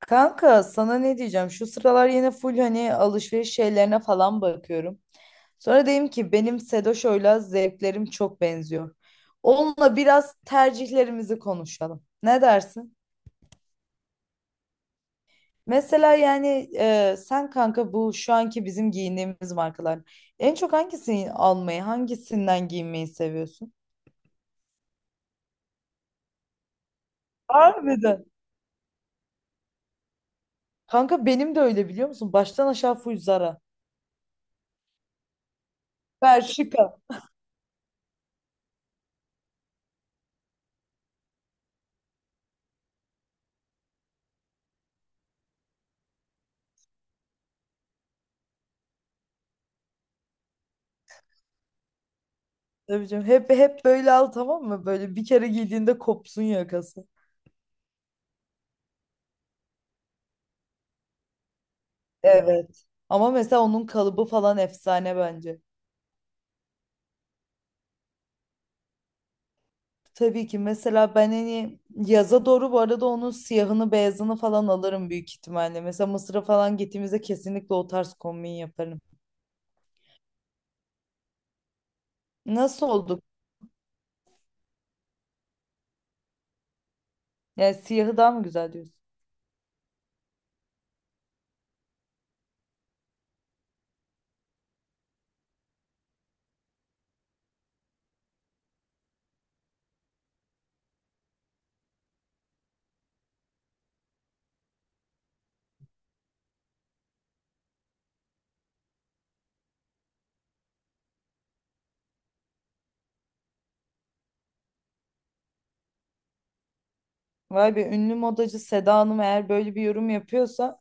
Kanka sana ne diyeceğim? Şu sıralar yine full hani alışveriş şeylerine falan bakıyorum. Sonra dedim ki benim Sedoşo'yla zevklerim çok benziyor. Onunla biraz tercihlerimizi konuşalım. Ne dersin? Mesela sen kanka bu şu anki bizim giyindiğimiz markalar. En çok hangisini almayı, hangisinden giyinmeyi seviyorsun? Harbiden. Kanka benim de öyle biliyor musun? Baştan aşağı full Zara. Bershka. Tabii canım. Hep böyle al, tamam mı? Böyle bir kere giydiğinde kopsun yakası. Evet. Ama mesela onun kalıbı falan efsane bence. Tabii ki mesela ben hani yaza doğru bu arada onun siyahını beyazını falan alırım büyük ihtimalle. Mesela Mısır'a falan gittiğimizde kesinlikle o tarz kombin yaparım. Nasıl olduk? Yani siyahı daha mı güzel diyorsun? Vay be, ünlü modacı Seda Hanım eğer böyle bir yorum yapıyorsa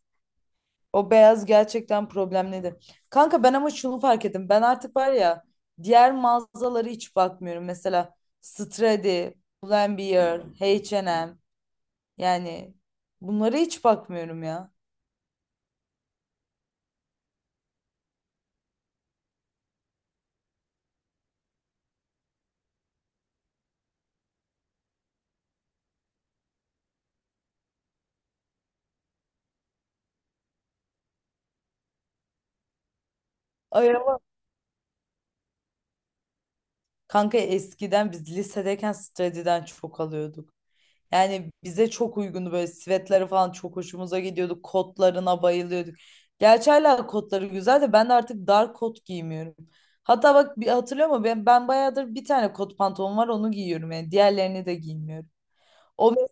o beyaz gerçekten problemliydi. Kanka ben ama şunu fark ettim. Ben artık var ya, diğer mağazaları hiç bakmıyorum. Mesela Stradi, Pull&Bear, H&M, yani bunlara hiç bakmıyorum ya. Ay ama kanka, eskiden biz lisedeyken Stradi'den çok alıyorduk. Yani bize çok uygundu, böyle sivetleri falan çok hoşumuza gidiyordu. Kotlarına bayılıyorduk. Gerçi hala kotları güzel de ben de artık dar kot giymiyorum. Hatta bak, bir hatırlıyor musun? Ben bayağıdır bir tane kot pantolon var, onu giyiyorum yani. Diğerlerini de giymiyorum. O mes-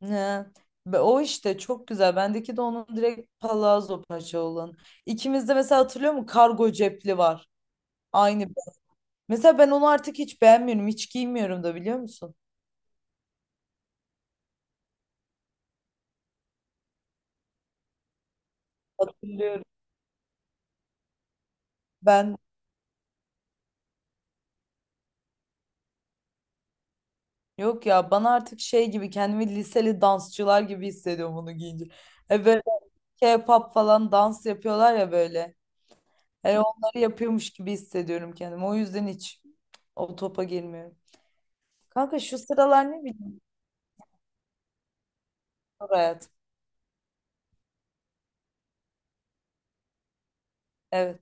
He. O işte çok güzel. Bendeki de onun direkt palazzo paça olan. İkimizde mesela hatırlıyor musun? Kargo cepli var. Aynı. Mesela ben onu artık hiç beğenmiyorum. Hiç giymiyorum da biliyor musun? Hatırlıyorum. Ben Yok ya, bana artık şey gibi, kendimi liseli dansçılar gibi hissediyorum bunu giyince. E böyle K-pop falan dans yapıyorlar ya böyle. E onları yapıyormuş gibi hissediyorum kendimi. O yüzden hiç o topa girmiyorum. Kanka şu sıralar ne bileyim, spor hayatım. Evet.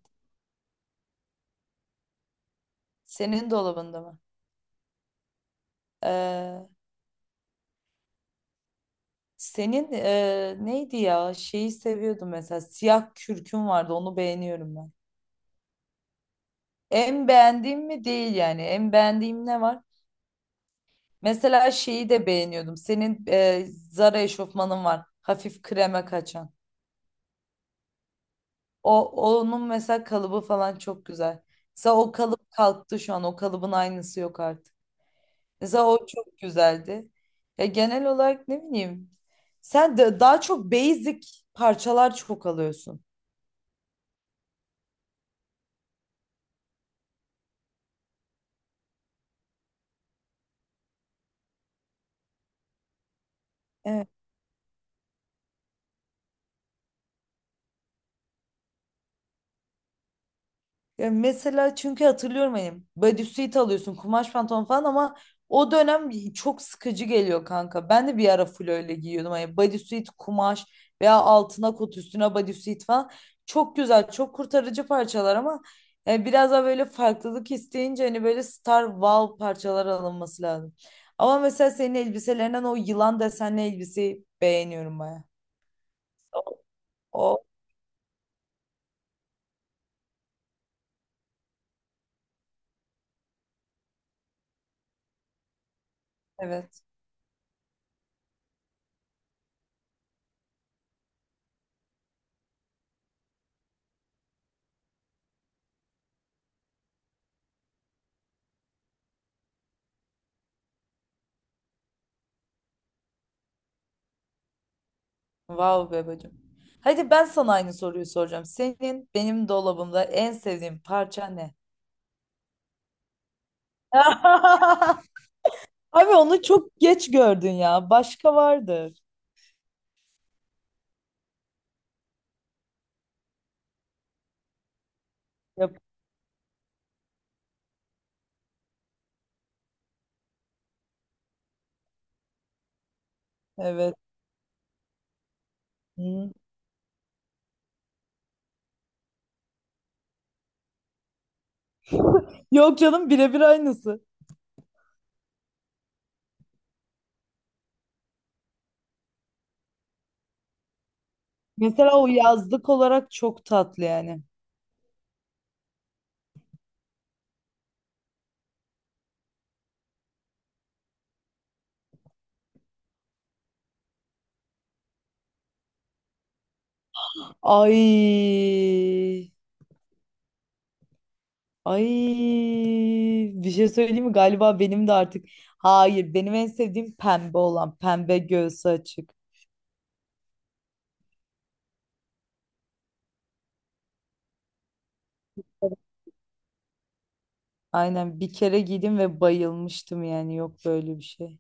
Senin dolabında mı? Ee, senin neydi ya? Şeyi seviyordum mesela. Siyah kürkün vardı. Onu beğeniyorum ben. En beğendiğim mi değil yani. En beğendiğim ne var? Mesela şeyi de beğeniyordum. Senin Zara eşofmanın var. Hafif kreme kaçan. O onun mesela kalıbı falan çok güzel. Mesela o kalıp kalktı şu an. O kalıbın aynısı yok artık. Mesela o çok güzeldi. Ya genel olarak ne bileyim. Sen de daha çok basic parçalar çok alıyorsun. Evet. Ya mesela çünkü hatırlıyorum hani bodysuit alıyorsun, kumaş pantolon falan ama o dönem çok sıkıcı geliyor kanka. Ben de bir ara full öyle giyiyordum. Hani bodysuit kumaş, veya altına kot üstüne bodysuit falan. Çok güzel, çok kurtarıcı parçalar ama biraz daha böyle farklılık isteyince hani böyle star wow parçalar alınması lazım. Ama mesela senin elbiselerinden o yılan desenli elbiseyi beğeniyorum baya. O evet. Vav be bacım. Hadi ben sana aynı soruyu soracağım. Senin benim dolabımda en sevdiğin parça ne? Abi onu çok geç gördün ya. Başka vardır. Yap- Evet. Hı. Yok canım, birebir aynısı. Mesela o yazlık olarak çok tatlı yani. Ay. Ay. Bir şey söyleyeyim mi? Galiba benim de artık. Hayır, benim en sevdiğim pembe olan. Pembe, göğsü açık. Aynen, bir kere giydim ve bayılmıştım, yani yok böyle bir şey.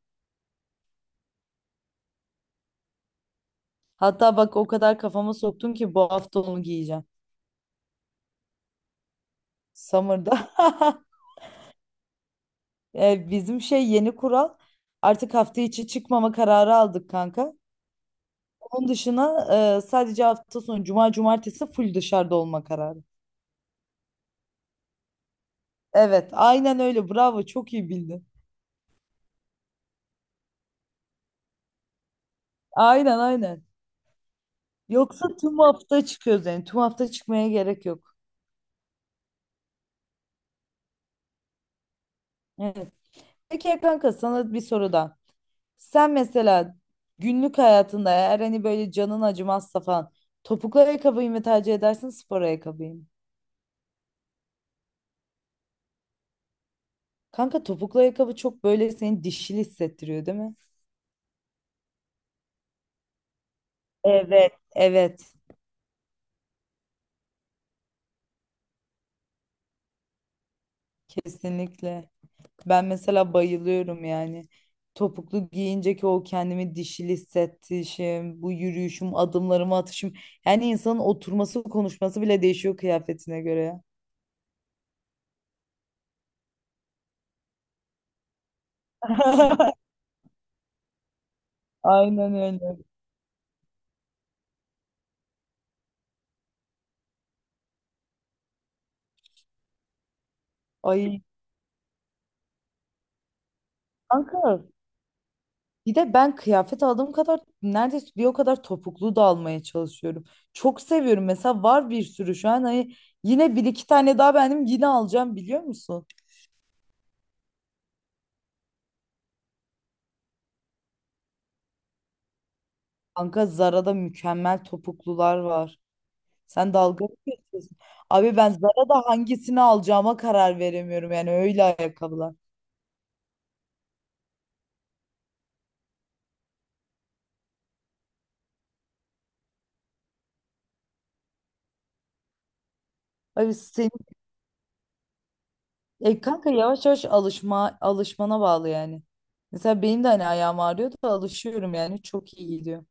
Hatta bak, o kadar kafama soktun ki bu hafta onu giyeceğim. Summer'da. Bizim şey, yeni kural, artık hafta içi çıkmama kararı aldık kanka. Onun dışına sadece hafta sonu cuma cumartesi full dışarıda olma kararı. Evet aynen öyle, bravo, çok iyi bildin. Aynen aynen. Yoksa tüm hafta çıkıyoruz, yani tüm hafta çıkmaya gerek yok. Evet. Peki ya kanka, sana bir soru daha. Sen mesela günlük hayatında eğer hani böyle canın acımazsa falan, topuklu ayakkabıyı mı tercih edersin, spor ayakkabıyı mı? Kanka topuklu ayakkabı çok böyle seni dişil hissettiriyor değil mi? Evet. Evet, kesinlikle. Ben mesela bayılıyorum yani. Topuklu giyince ki, o kendimi dişil hissettişim, bu yürüyüşüm, adımlarımı atışım. Yani insanın oturması, konuşması bile değişiyor kıyafetine göre ya. Aynen öyle. Ay kanka, bir de ben kıyafet aldığım kadar neredeyse bir o kadar topuklu da almaya çalışıyorum. Çok seviyorum, mesela var bir sürü şu an, hani yine bir iki tane daha benim yine alacağım biliyor musun? Kanka Zara'da mükemmel topuklular var. Sen dalga mı geçiyorsun? Abi ben Zara'da hangisini alacağıma karar veremiyorum yani, öyle ayakkabılar. Abi senin kanka yavaş yavaş alışma, alışmana bağlı yani. Mesela benim de hani ayağım ağrıyor da alışıyorum, yani çok iyi gidiyor.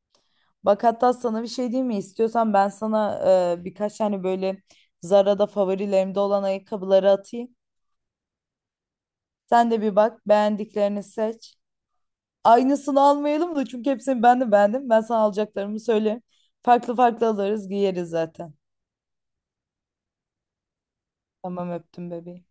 Bak hatta sana bir şey diyeyim mi? İstiyorsan ben sana birkaç tane böyle Zara'da favorilerimde olan ayakkabıları atayım. Sen de bir bak, beğendiklerini seç. Aynısını almayalım da, çünkü hepsini ben de beğendim. Ben sana alacaklarımı söylerim. Farklı farklı alırız, giyeriz zaten. Tamam, öptüm bebeğim.